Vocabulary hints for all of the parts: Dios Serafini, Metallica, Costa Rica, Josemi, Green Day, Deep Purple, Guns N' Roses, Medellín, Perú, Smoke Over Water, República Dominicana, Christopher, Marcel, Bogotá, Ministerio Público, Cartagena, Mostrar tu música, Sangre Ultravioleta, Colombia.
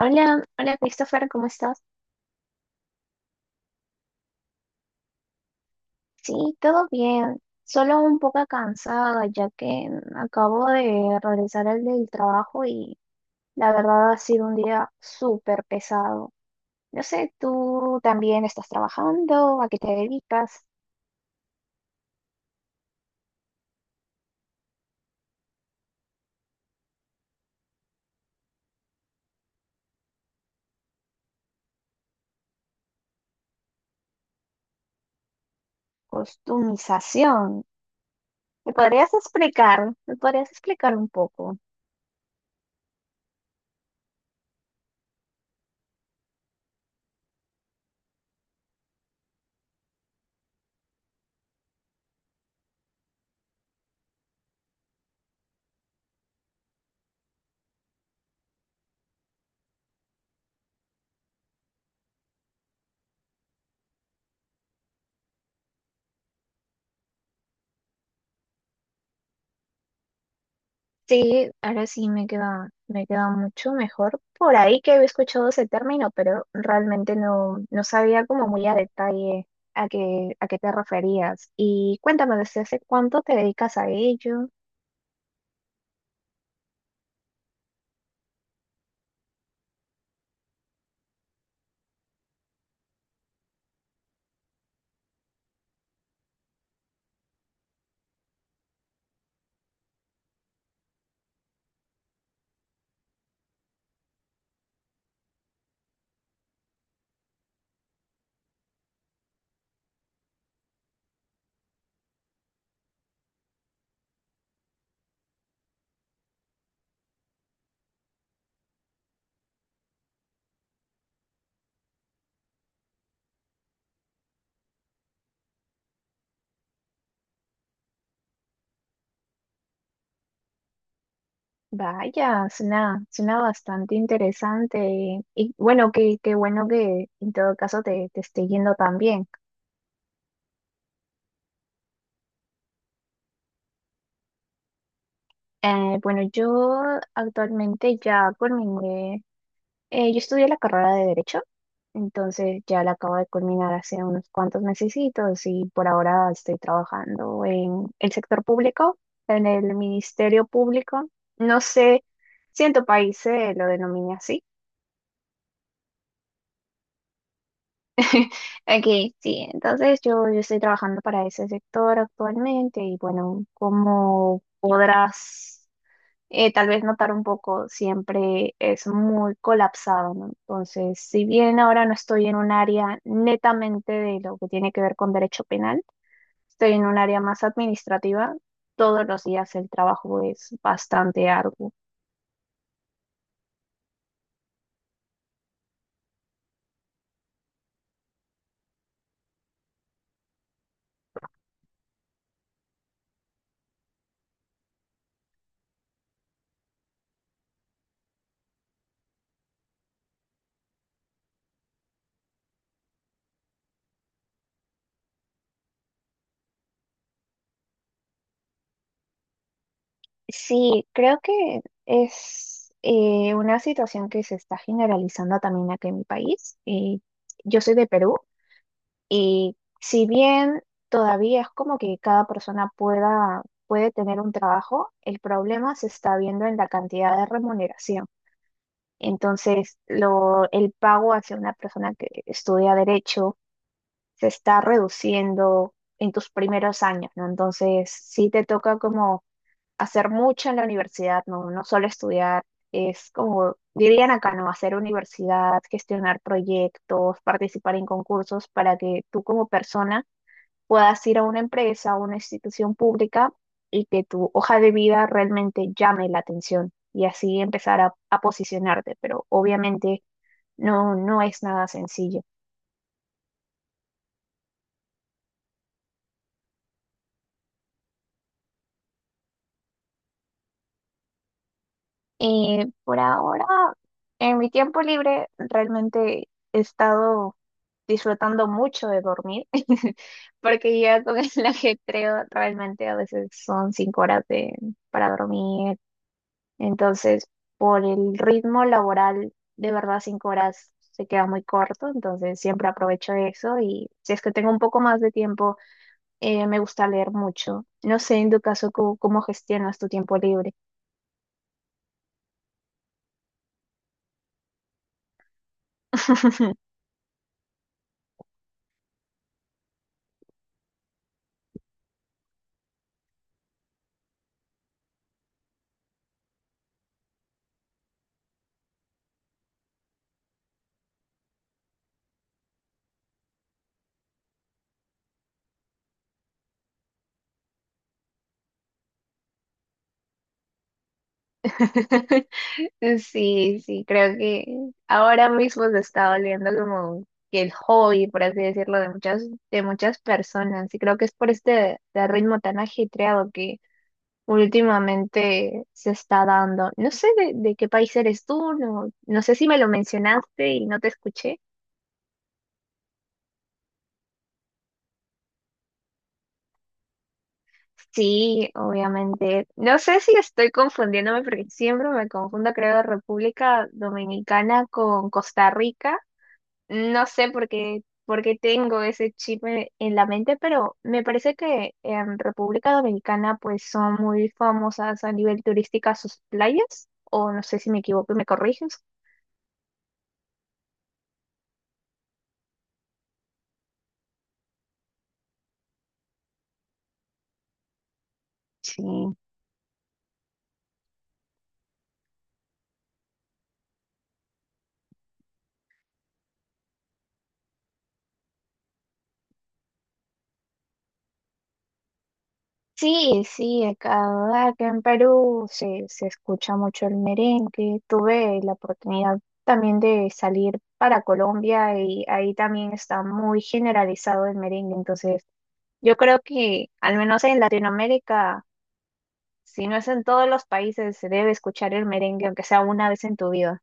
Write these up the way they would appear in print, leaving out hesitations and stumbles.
Hola, hola Christopher, ¿cómo estás? Sí, todo bien, solo un poco cansada ya que acabo de regresar al del trabajo y la verdad ha sido un día súper pesado. No sé, tú también estás trabajando, ¿a qué te dedicas? Costumización. ¿Me podrías explicar? ¿Me podrías explicar un poco? Sí, ahora sí me queda mucho mejor. Por ahí que había escuchado ese término, pero realmente no sabía como muy a detalle a qué te referías. Y cuéntame, ¿desde hace cuánto te dedicas a ello? Vaya, suena bastante interesante. Y bueno, qué bueno que en todo caso te esté yendo tan bien. Bueno, yo actualmente ya culminé. Yo estudié la carrera de Derecho, entonces ya la acabo de culminar hace unos cuantos mesecitos y por ahora estoy trabajando en el sector público, en el Ministerio Público. No sé si en tu país se lo denomina así. Aquí sí, entonces yo estoy trabajando para ese sector actualmente y bueno, como podrás tal vez notar un poco, siempre es muy colapsado, ¿no? Entonces, si bien ahora no estoy en un área netamente de lo que tiene que ver con derecho penal, estoy en un área más administrativa, todos los días el trabajo es bastante arduo. Sí, creo que es una situación que se está generalizando también aquí en mi país. Yo soy de Perú. Y si bien todavía es como que puede tener un trabajo, el problema se está viendo en la cantidad de remuneración. Entonces, el pago hacia una persona que estudia derecho se está reduciendo en tus primeros años, ¿no? Entonces, sí te toca como hacer mucho en la universidad, ¿no? No solo estudiar, es como, dirían acá, ¿no? Hacer universidad, gestionar proyectos, participar en concursos para que tú como persona puedas ir a una empresa, a una institución pública y que tu hoja de vida realmente llame la atención y así empezar a posicionarte, pero obviamente no es nada sencillo. Por ahora, en mi tiempo libre, realmente he estado disfrutando mucho de dormir, porque ya con el ajetreo realmente a veces son cinco horas para dormir. Entonces, por el ritmo laboral, de verdad, cinco horas se queda muy corto, entonces siempre aprovecho eso y si es que tengo un poco más de tiempo, me gusta leer mucho. No sé, en tu caso, ¿cómo gestionas tu tiempo libre? Sí, sí, creo que ahora mismo se está volviendo como que el hobby, por así decirlo, de muchas personas. Y creo que es por este ritmo tan ajetreado que últimamente se está dando. No sé de qué país eres tú, no sé si me lo mencionaste y no te escuché. Sí, obviamente. No sé si estoy confundiéndome porque siempre me confundo, creo, República Dominicana con Costa Rica. No sé por qué tengo ese chip en la mente, pero me parece que en República Dominicana pues son muy famosas a nivel turística sus playas, o no sé si me equivoco y me corriges. Sí. Sí, sí, acá en Perú se escucha mucho el merengue. Tuve la oportunidad también de salir para Colombia y ahí también está muy generalizado el merengue. Entonces, yo creo que al menos en Latinoamérica, si no es en todos los países, se debe escuchar el merengue, aunque sea una vez en tu vida.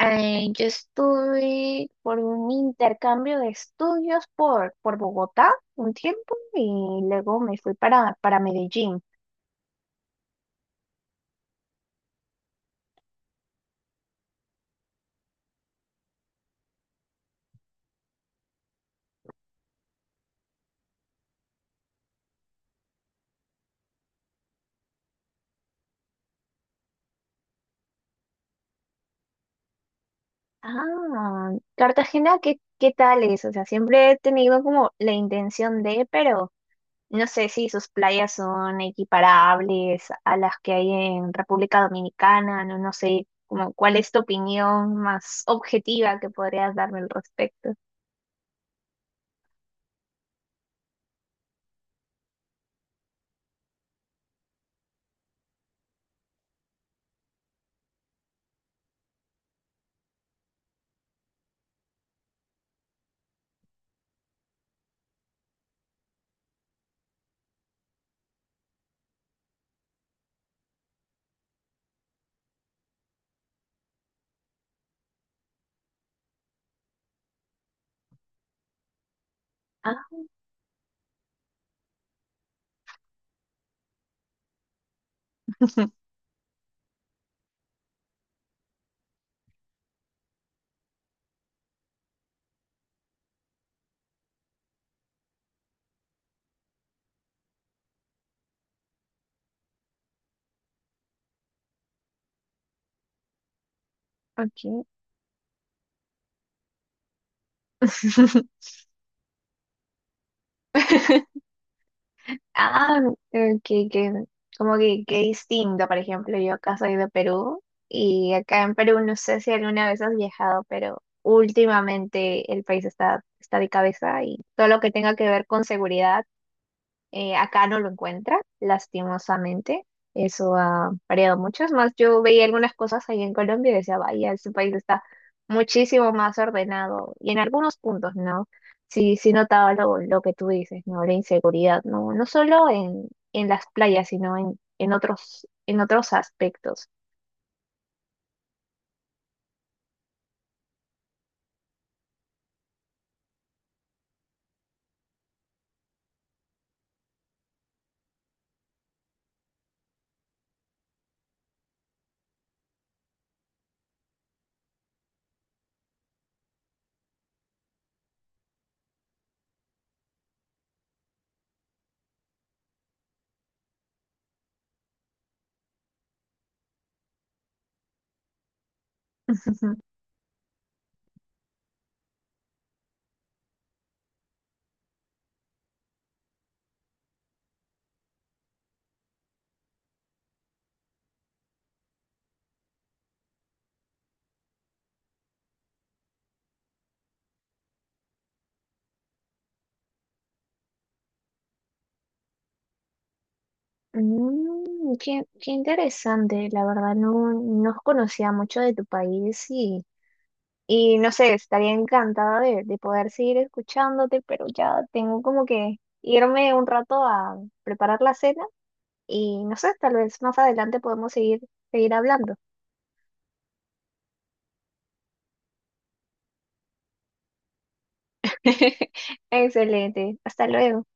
Yo estuve por un intercambio de estudios por Bogotá un tiempo y luego me fui para Medellín. Ah, Cartagena, ¿qué tal es? O sea, siempre he tenido como la intención de, pero no sé si sus playas son equiparables a las que hay en República Dominicana, no, no sé, como cuál es tu opinión más objetiva que podrías darme al respecto. Ah, ok. Ah, eh, que, que, como que qué distinto, por ejemplo, yo acá soy de Perú y acá en Perú no sé si alguna vez has viajado, pero últimamente el país está de cabeza y todo lo que tenga que ver con seguridad. Acá no lo encuentra, lastimosamente. Eso ha variado mucho. Es más, yo veía algunas cosas ahí en Colombia y decía, vaya, este país está muchísimo más ordenado. Y en algunos puntos, ¿no? Sí, sí notaba lo que tú dices, ¿no? La inseguridad, ¿no? No solo en las playas, sino en otros aspectos. Ujú. Mm, qué interesante, la verdad, no conocía mucho de tu país y Y no sé, estaría encantada de poder seguir escuchándote, pero ya tengo como que irme un rato a preparar la cena y no sé, tal vez más adelante podemos seguir, seguir hablando. Excelente, hasta luego.